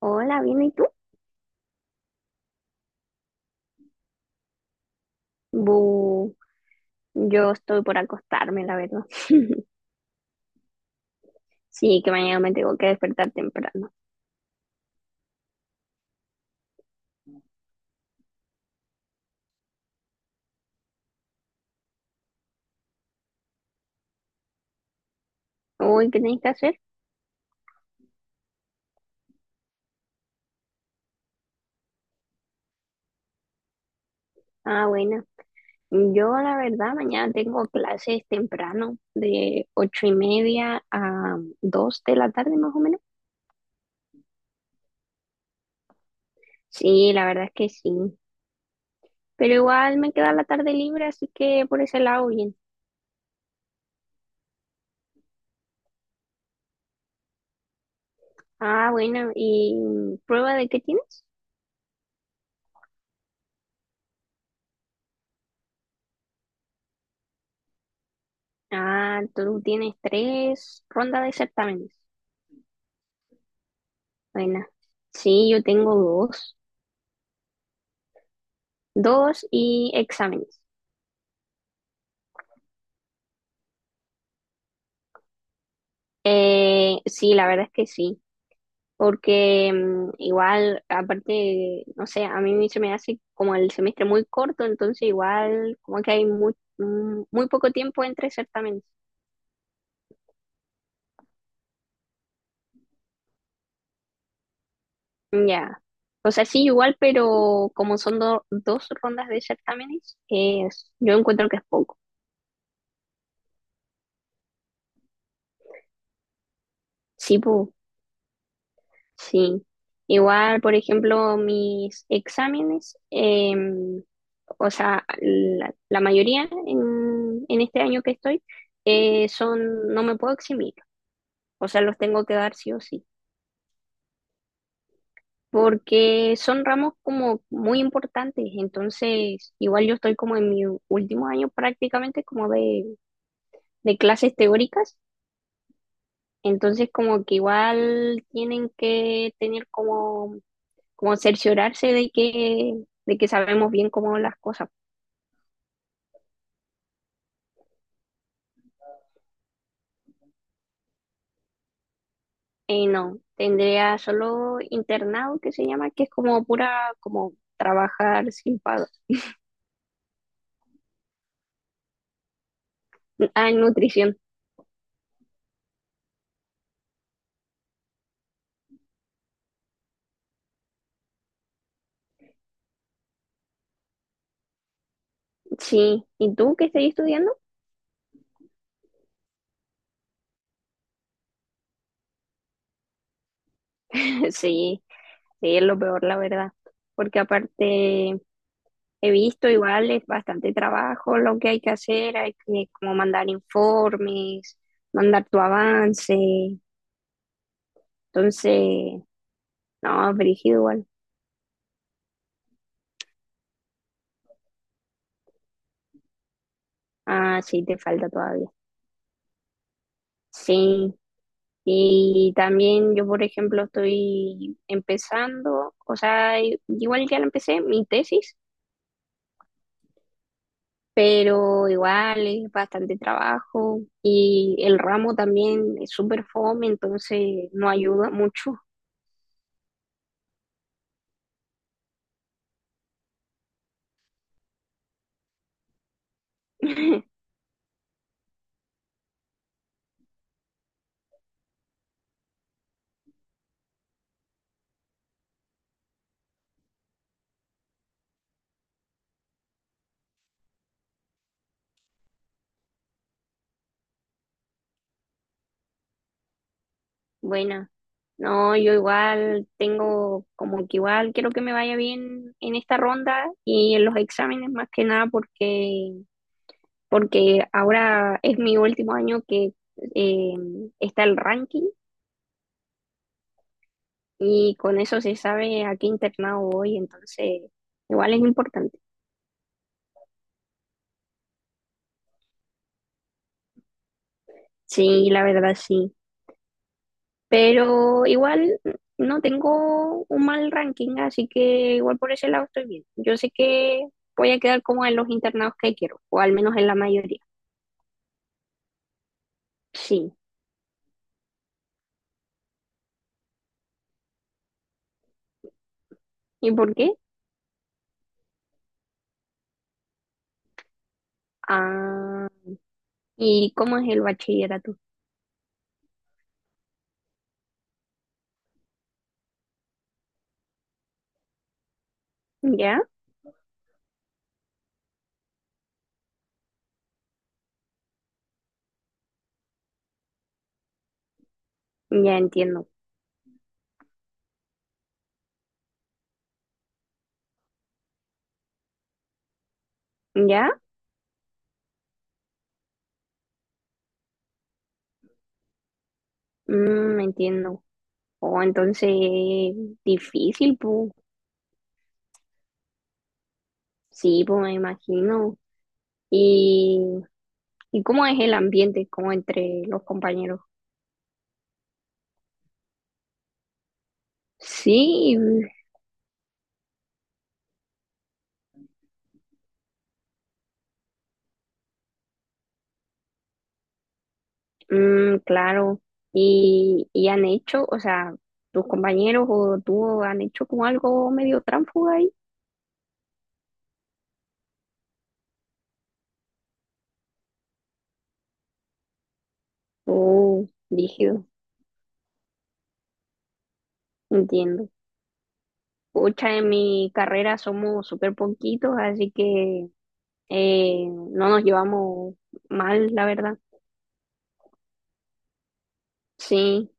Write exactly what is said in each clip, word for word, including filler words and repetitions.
Hola, ¿bien y tú? Bu, yo estoy por acostarme, la verdad. Sí, que mañana me tengo que despertar temprano. Uy, ¿qué tenéis que hacer? Ah, bueno. Yo, la verdad, mañana tengo clases temprano, de ocho y media a dos de la tarde, más o menos. Sí, la verdad es que sí. Pero igual me queda la tarde libre, así que por ese lado, bien. Ah, bueno, ¿y prueba de qué tienes? Ah, tú tienes tres rondas de certámenes. Buena. Sí, yo tengo dos. Dos y exámenes. Eh, sí, la verdad es que sí. Porque mm, igual, aparte, no sé, a mí se me hace como el semestre muy corto, entonces igual como que hay muy, mm, muy poco tiempo entre certámenes. Mm, ya. O sea, sí, igual, pero como son do- dos rondas de certámenes, es, yo encuentro que es poco. Sí, pues. Sí, igual, por ejemplo, mis exámenes, em, o sea, la, la mayoría en, en este año que estoy, eh, son, no me puedo eximir, o sea, los tengo que dar sí o sí, porque son ramos como muy importantes, entonces, igual yo estoy como en mi u- último año prácticamente como de, de clases teóricas, entonces como que igual tienen que tener como como cerciorarse de que, de que sabemos bien cómo las cosas. Eh, no, tendría solo internado que se llama, que es como pura, como trabajar sin pago. Ah, en nutrición, sí. ¿Y tú qué estás estudiando? Sí, sí, es lo peor, la verdad, porque aparte he visto igual es bastante trabajo lo que hay que hacer, hay que como mandar informes, mandar tu avance, entonces, no, brígido igual. Ah, sí, te falta todavía. Sí, y también yo, por ejemplo, estoy empezando, o sea, i- igual ya la empecé, mi tesis, pero igual es bastante trabajo y el ramo también es súper fome, entonces no ayuda mucho. Bueno, no, yo igual tengo como que igual quiero que me vaya bien en esta ronda y en los exámenes más que nada porque porque ahora es mi último año que eh, está el ranking y con eso se sabe a qué internado voy, entonces igual es importante. Sí, la verdad sí. Pero igual no tengo un mal ranking, así que igual por ese lado estoy bien. Yo sé que voy a quedar como en los internados que quiero, o al menos en la mayoría. Sí. ¿Y por qué? Ah, ¿y cómo es el bachillerato? ¿Ya? Ya entiendo. ¿Ya? Mm, entiendo. Oh, entonces, difícil, pues. Sí, pues me imagino. ¿Y, y cómo es el ambiente, como entre los compañeros? Sí, mm, claro. ¿Y, y han hecho, o sea, tus compañeros o tú han hecho como algo medio tránfuga ahí? Oh, rígido, entiendo. Pucha, en mi carrera somos súper poquitos, así que eh, no nos llevamos mal, la verdad. Sí.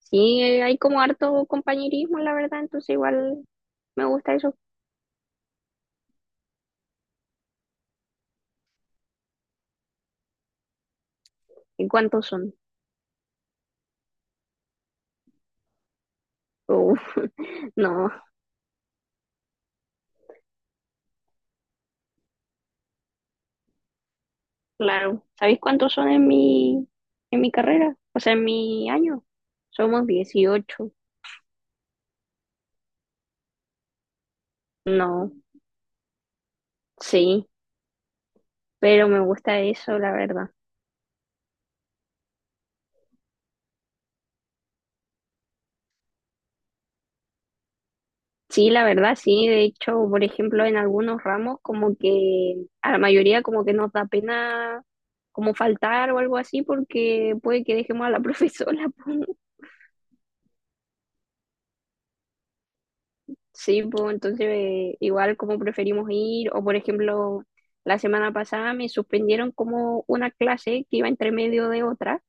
Sí, eh, hay como harto compañerismo, la verdad, entonces igual me gusta eso. ¿Y cuántos son? Uf, no, claro. ¿Sabéis cuántos son en mi, en mi carrera? O sea, en mi año. Somos dieciocho. No, sí, pero me gusta eso, la verdad. Sí, la verdad, sí. De hecho, por ejemplo, en algunos ramos como que a la mayoría como que nos da pena como faltar o algo así porque puede que dejemos a la profesora. Sí, pues entonces eh, igual como preferimos ir, o por ejemplo, la semana pasada me suspendieron como una clase que iba entre medio de otra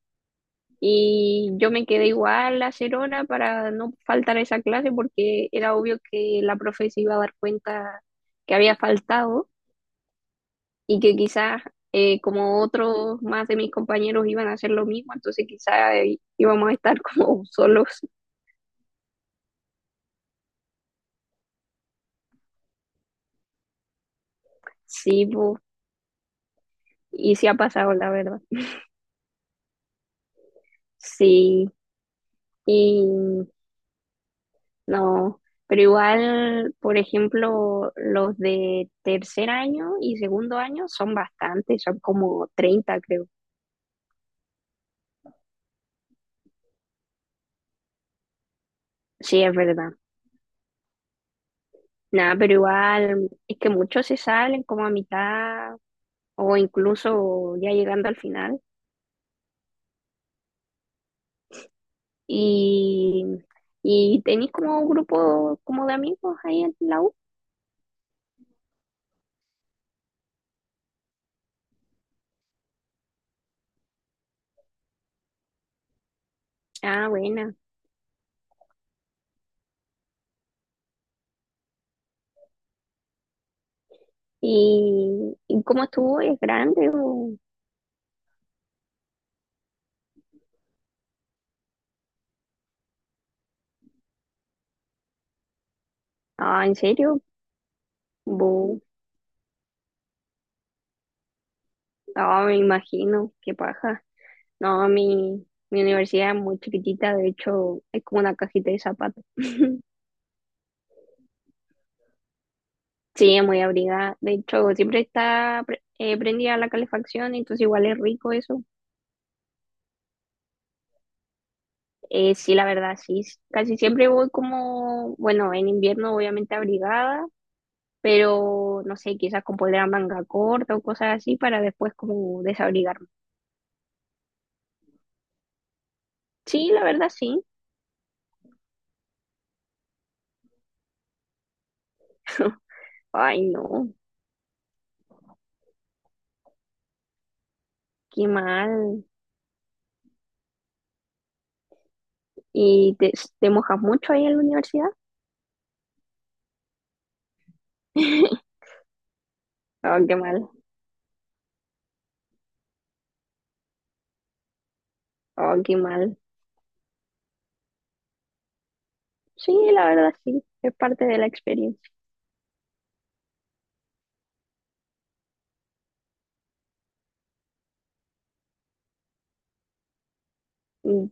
y yo me quedé igual a hacer hora para no faltar a esa clase porque era obvio que la profe se iba a dar cuenta que había faltado y que quizás eh, como otros más de mis compañeros iban a hacer lo mismo, entonces quizás eh, íbamos a estar como solos. Sí, pues, y sí ha pasado, la verdad. Sí. Y No, pero igual, por ejemplo, los de tercer año y segundo año son bastantes, son como treinta creo. Sí, es verdad. Nada, pero igual, es que muchos se salen como a mitad o incluso ya llegando al final. Y, y tenéis como un grupo como de amigos ahí en la U. Ah, buena. ¿Y, y cómo estuvo? ¿Es grande? o- Ah, ¿en serio? Bu. Ah, me imagino, qué paja. No, mi, mi universidad es muy chiquitita, de hecho es como una cajita de zapatos. Sí, es muy abrigada. De hecho, siempre está pre- eh, prendida la calefacción, entonces igual es rico eso. Eh, sí, la verdad, sí. s- Casi siempre voy como, bueno, en invierno obviamente abrigada, pero no sé, quizás con polera manga corta o cosas así para después como desabrigarme. Sí, la verdad, sí. Ay, no, qué mal. ¿Y te, te mojas mucho ahí en la universidad? Oh, qué mal. Oh, qué mal. Sí, la verdad, sí. Es parte de la experiencia.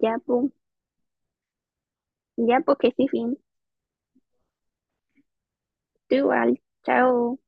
Ya, pues. Ya, pues que sí, fin. Tú igual. Chao.